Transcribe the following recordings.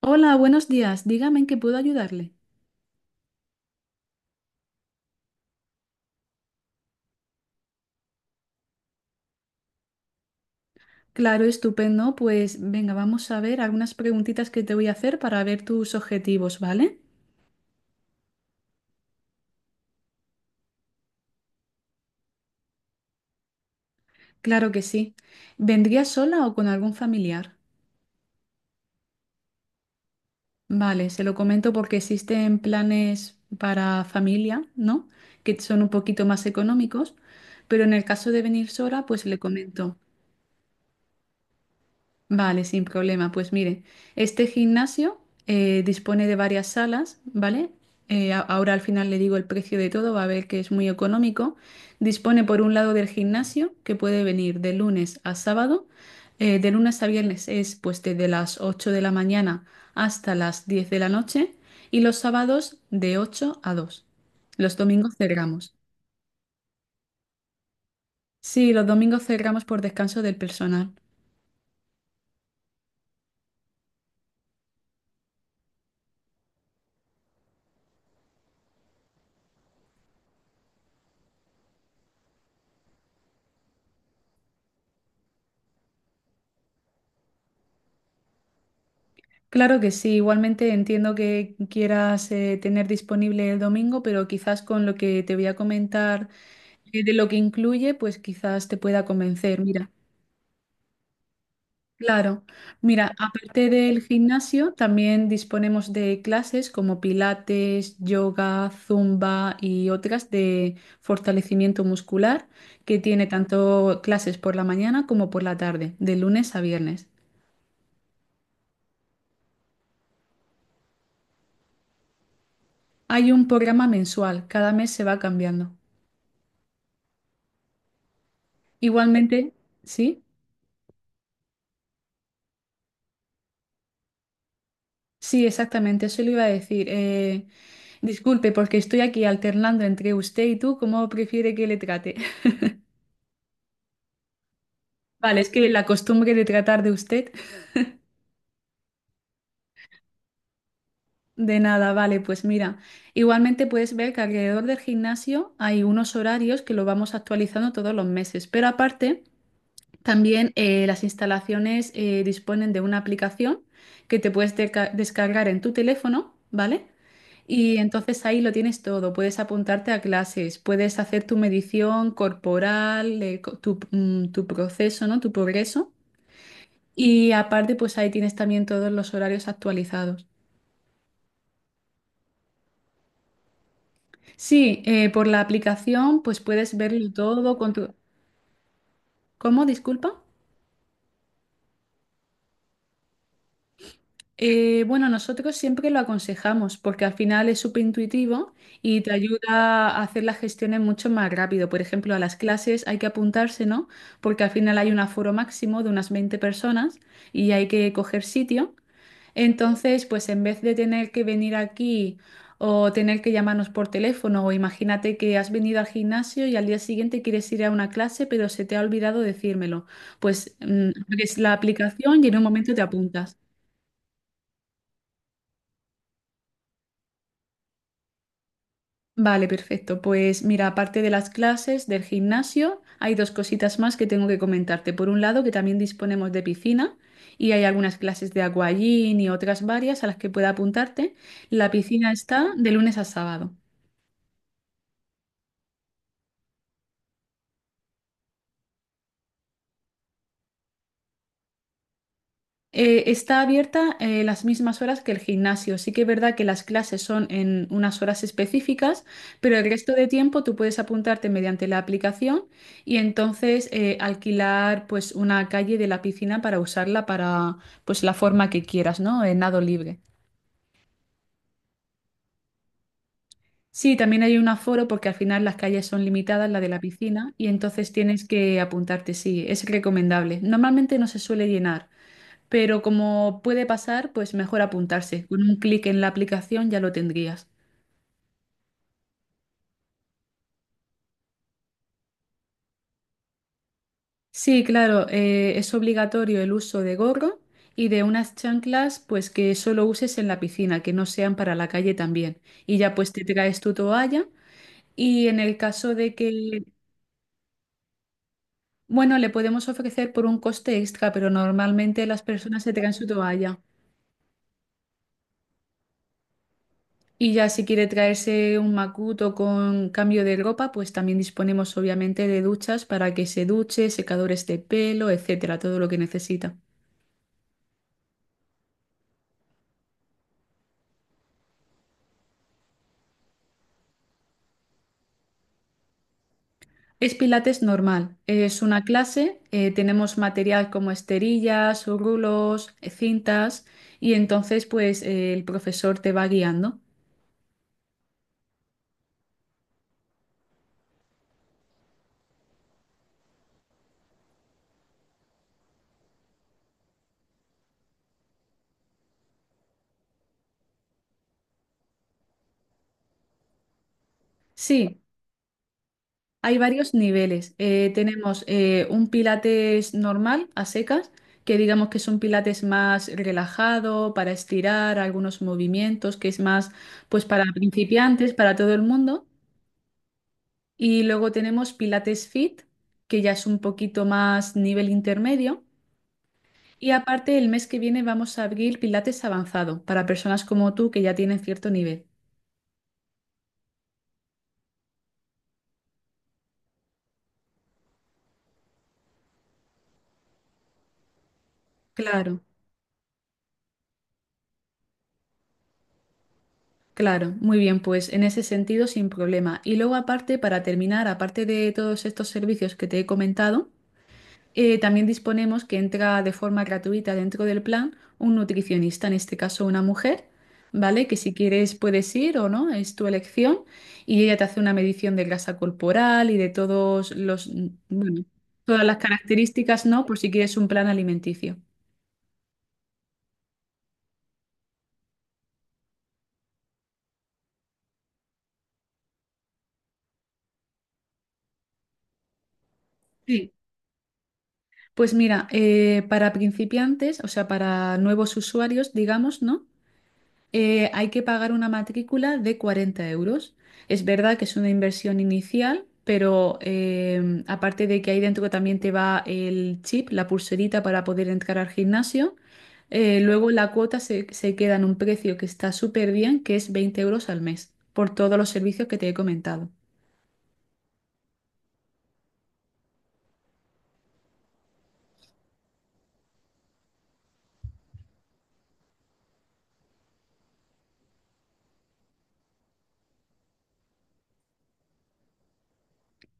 Hola, buenos días. Dígame en qué puedo ayudarle. Claro, estupendo. Pues venga, vamos a ver algunas preguntitas que te voy a hacer para ver tus objetivos, ¿vale? Claro que sí. ¿Vendría sola o con algún familiar? Vale, se lo comento porque existen planes para familia, ¿no? Que son un poquito más económicos, pero en el caso de venir sola, pues le comento. Vale, sin problema. Pues mire, este gimnasio dispone de varias salas, ¿vale? Ahora al final le digo el precio de todo, va a ver que es muy económico. Dispone por un lado del gimnasio, que puede venir de lunes a sábado. De lunes a viernes es pues desde las 8 de la mañana hasta las 10 de la noche y los sábados de 8 a 2. Los domingos cerramos. Sí, los domingos cerramos por descanso del personal. Claro que sí, igualmente entiendo que quieras tener disponible el domingo, pero quizás con lo que te voy a comentar de lo que incluye, pues quizás te pueda convencer. Mira, claro, mira, aparte del gimnasio, también disponemos de clases como pilates, yoga, zumba y otras de fortalecimiento muscular, que tiene tanto clases por la mañana como por la tarde, de lunes a viernes. Hay un programa mensual, cada mes se va cambiando. Igualmente, sí, sí, exactamente, eso le iba a decir. Disculpe, porque estoy aquí alternando entre usted y tú, ¿cómo prefiere que le trate? Vale, es que la costumbre de tratar de usted, de nada, vale, pues mira, igualmente puedes ver que alrededor del gimnasio hay unos horarios que lo vamos actualizando todos los meses, pero aparte... También las instalaciones disponen de una aplicación que te puedes descargar en tu teléfono, ¿vale? Y entonces ahí lo tienes todo. Puedes apuntarte a clases, puedes hacer tu medición corporal, co- tu, mm, tu proceso, ¿no? Tu progreso. Y aparte, pues ahí tienes también todos los horarios actualizados. Sí, por la aplicación, pues puedes verlo todo con tu... ¿Cómo? Disculpa. Bueno, nosotros siempre lo aconsejamos porque al final es súper intuitivo y te ayuda a hacer las gestiones mucho más rápido. Por ejemplo, a las clases hay que apuntarse, ¿no? Porque al final hay un aforo máximo de unas 20 personas y hay que coger sitio. Entonces, pues en vez de tener que venir aquí o tener que llamarnos por teléfono o imagínate que has venido al gimnasio y al día siguiente quieres ir a una clase pero se te ha olvidado decírmelo, pues abres la aplicación y en un momento te apuntas. Vale, perfecto. Pues mira, aparte de las clases del gimnasio, hay dos cositas más que tengo que comentarte. Por un lado, que también disponemos de piscina y hay algunas clases de aquagym y otras varias a las que pueda apuntarte. La piscina está de lunes a sábado. Está abierta las mismas horas que el gimnasio. Sí que es verdad que las clases son en unas horas específicas, pero el resto de tiempo tú puedes apuntarte mediante la aplicación y entonces alquilar pues una calle de la piscina para usarla para pues la forma que quieras, ¿no? En nado libre. Sí, también hay un aforo porque al final las calles son limitadas, la de la piscina, y entonces tienes que apuntarte, sí, es recomendable. Normalmente no se suele llenar. Pero como puede pasar, pues mejor apuntarse. Con un clic en la aplicación ya lo tendrías. Sí, claro, es obligatorio el uso de gorro y de unas chanclas, pues que solo uses en la piscina, que no sean para la calle también. Y ya pues te traes tu toalla y en el caso de que, bueno, le podemos ofrecer por un coste extra, pero normalmente las personas se traen su toalla. Y ya si quiere traerse un macuto con cambio de ropa, pues también disponemos obviamente de duchas para que se duche, secadores de pelo, etcétera, todo lo que necesita. Es pilates normal, es una clase, tenemos material como esterillas, rulos, cintas y entonces pues el profesor te va guiando. Sí, hay varios niveles. Tenemos un pilates normal, a secas, que digamos que es un pilates más relajado, para estirar algunos movimientos, que es más pues para principiantes, para todo el mundo. Y luego tenemos pilates fit, que ya es un poquito más nivel intermedio. Y aparte, el mes que viene vamos a abrir pilates avanzado, para personas como tú que ya tienen cierto nivel. Claro. Claro, muy bien, pues en ese sentido sin problema. Y luego aparte, para terminar, aparte de todos estos servicios que te he comentado, también disponemos que entra de forma gratuita dentro del plan un nutricionista, en este caso una mujer, ¿vale? Que si quieres puedes ir o no, es tu elección, y ella te hace una medición de grasa corporal y de todos los, bueno, todas las características, ¿no? Por si quieres un plan alimenticio. Sí. Pues mira, para principiantes, o sea, para nuevos usuarios, digamos, ¿no? Hay que pagar una matrícula de 40 euros. Es verdad que es una inversión inicial, pero aparte de que ahí dentro también te va el chip, la pulserita para poder entrar al gimnasio, luego la cuota se queda en un precio que está súper bien, que es 20 euros al mes, por todos los servicios que te he comentado.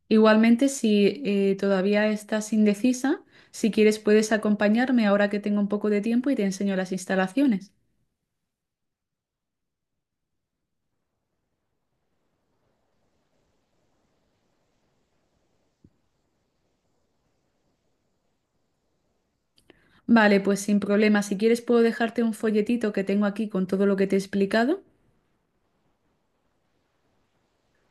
Igualmente, si todavía estás indecisa, si quieres puedes acompañarme ahora que tengo un poco de tiempo y te enseño las instalaciones. Vale, pues sin problema. Si quieres puedo dejarte un folletito que tengo aquí con todo lo que te he explicado.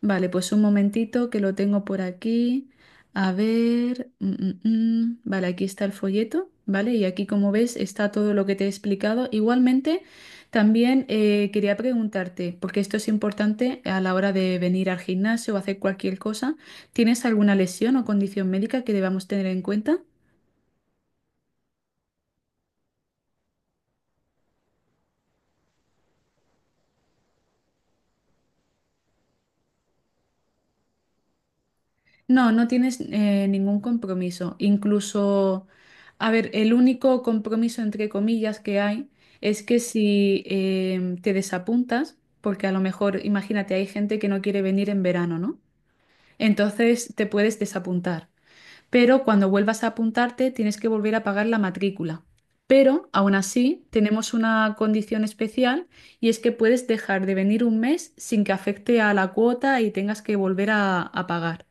Vale, pues un momentito que lo tengo por aquí. A ver. Mm. Vale, aquí está el folleto, ¿vale? Y aquí, como ves, está todo lo que te he explicado. Igualmente, también quería preguntarte, porque esto es importante a la hora de venir al gimnasio o hacer cualquier cosa, ¿tienes alguna lesión o condición médica que debamos tener en cuenta? No, no tienes ningún compromiso. Incluso, a ver, el único compromiso entre comillas que hay es que si te desapuntas, porque a lo mejor, imagínate, hay gente que no quiere venir en verano, ¿no? Entonces te puedes desapuntar. Pero cuando vuelvas a apuntarte, tienes que volver a pagar la matrícula. Pero aún así, tenemos una condición especial y es que puedes dejar de venir un mes sin que afecte a la cuota y tengas que volver a pagar.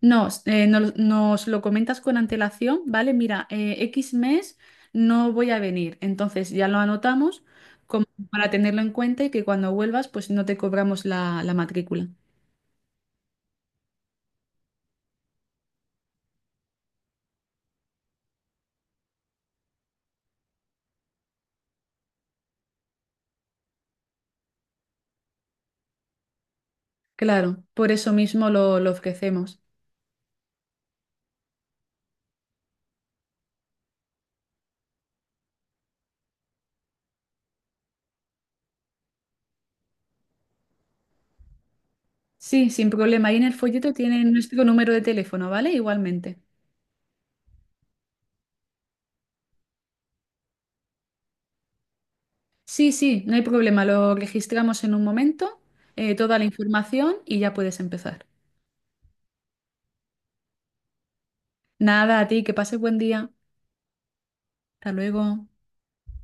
Nos lo comentas con antelación, ¿vale? Mira, X mes no voy a venir, entonces ya lo anotamos como para tenerlo en cuenta y que cuando vuelvas pues no te cobramos la matrícula. Claro, por eso mismo lo ofrecemos. Sí, sin problema. Ahí en el folleto tienen nuestro número de teléfono, ¿vale? Igualmente. Sí, sí, no hay problema. Lo registramos en un momento, toda la información y ya puedes empezar. Nada, a ti, que pases buen día. Hasta luego.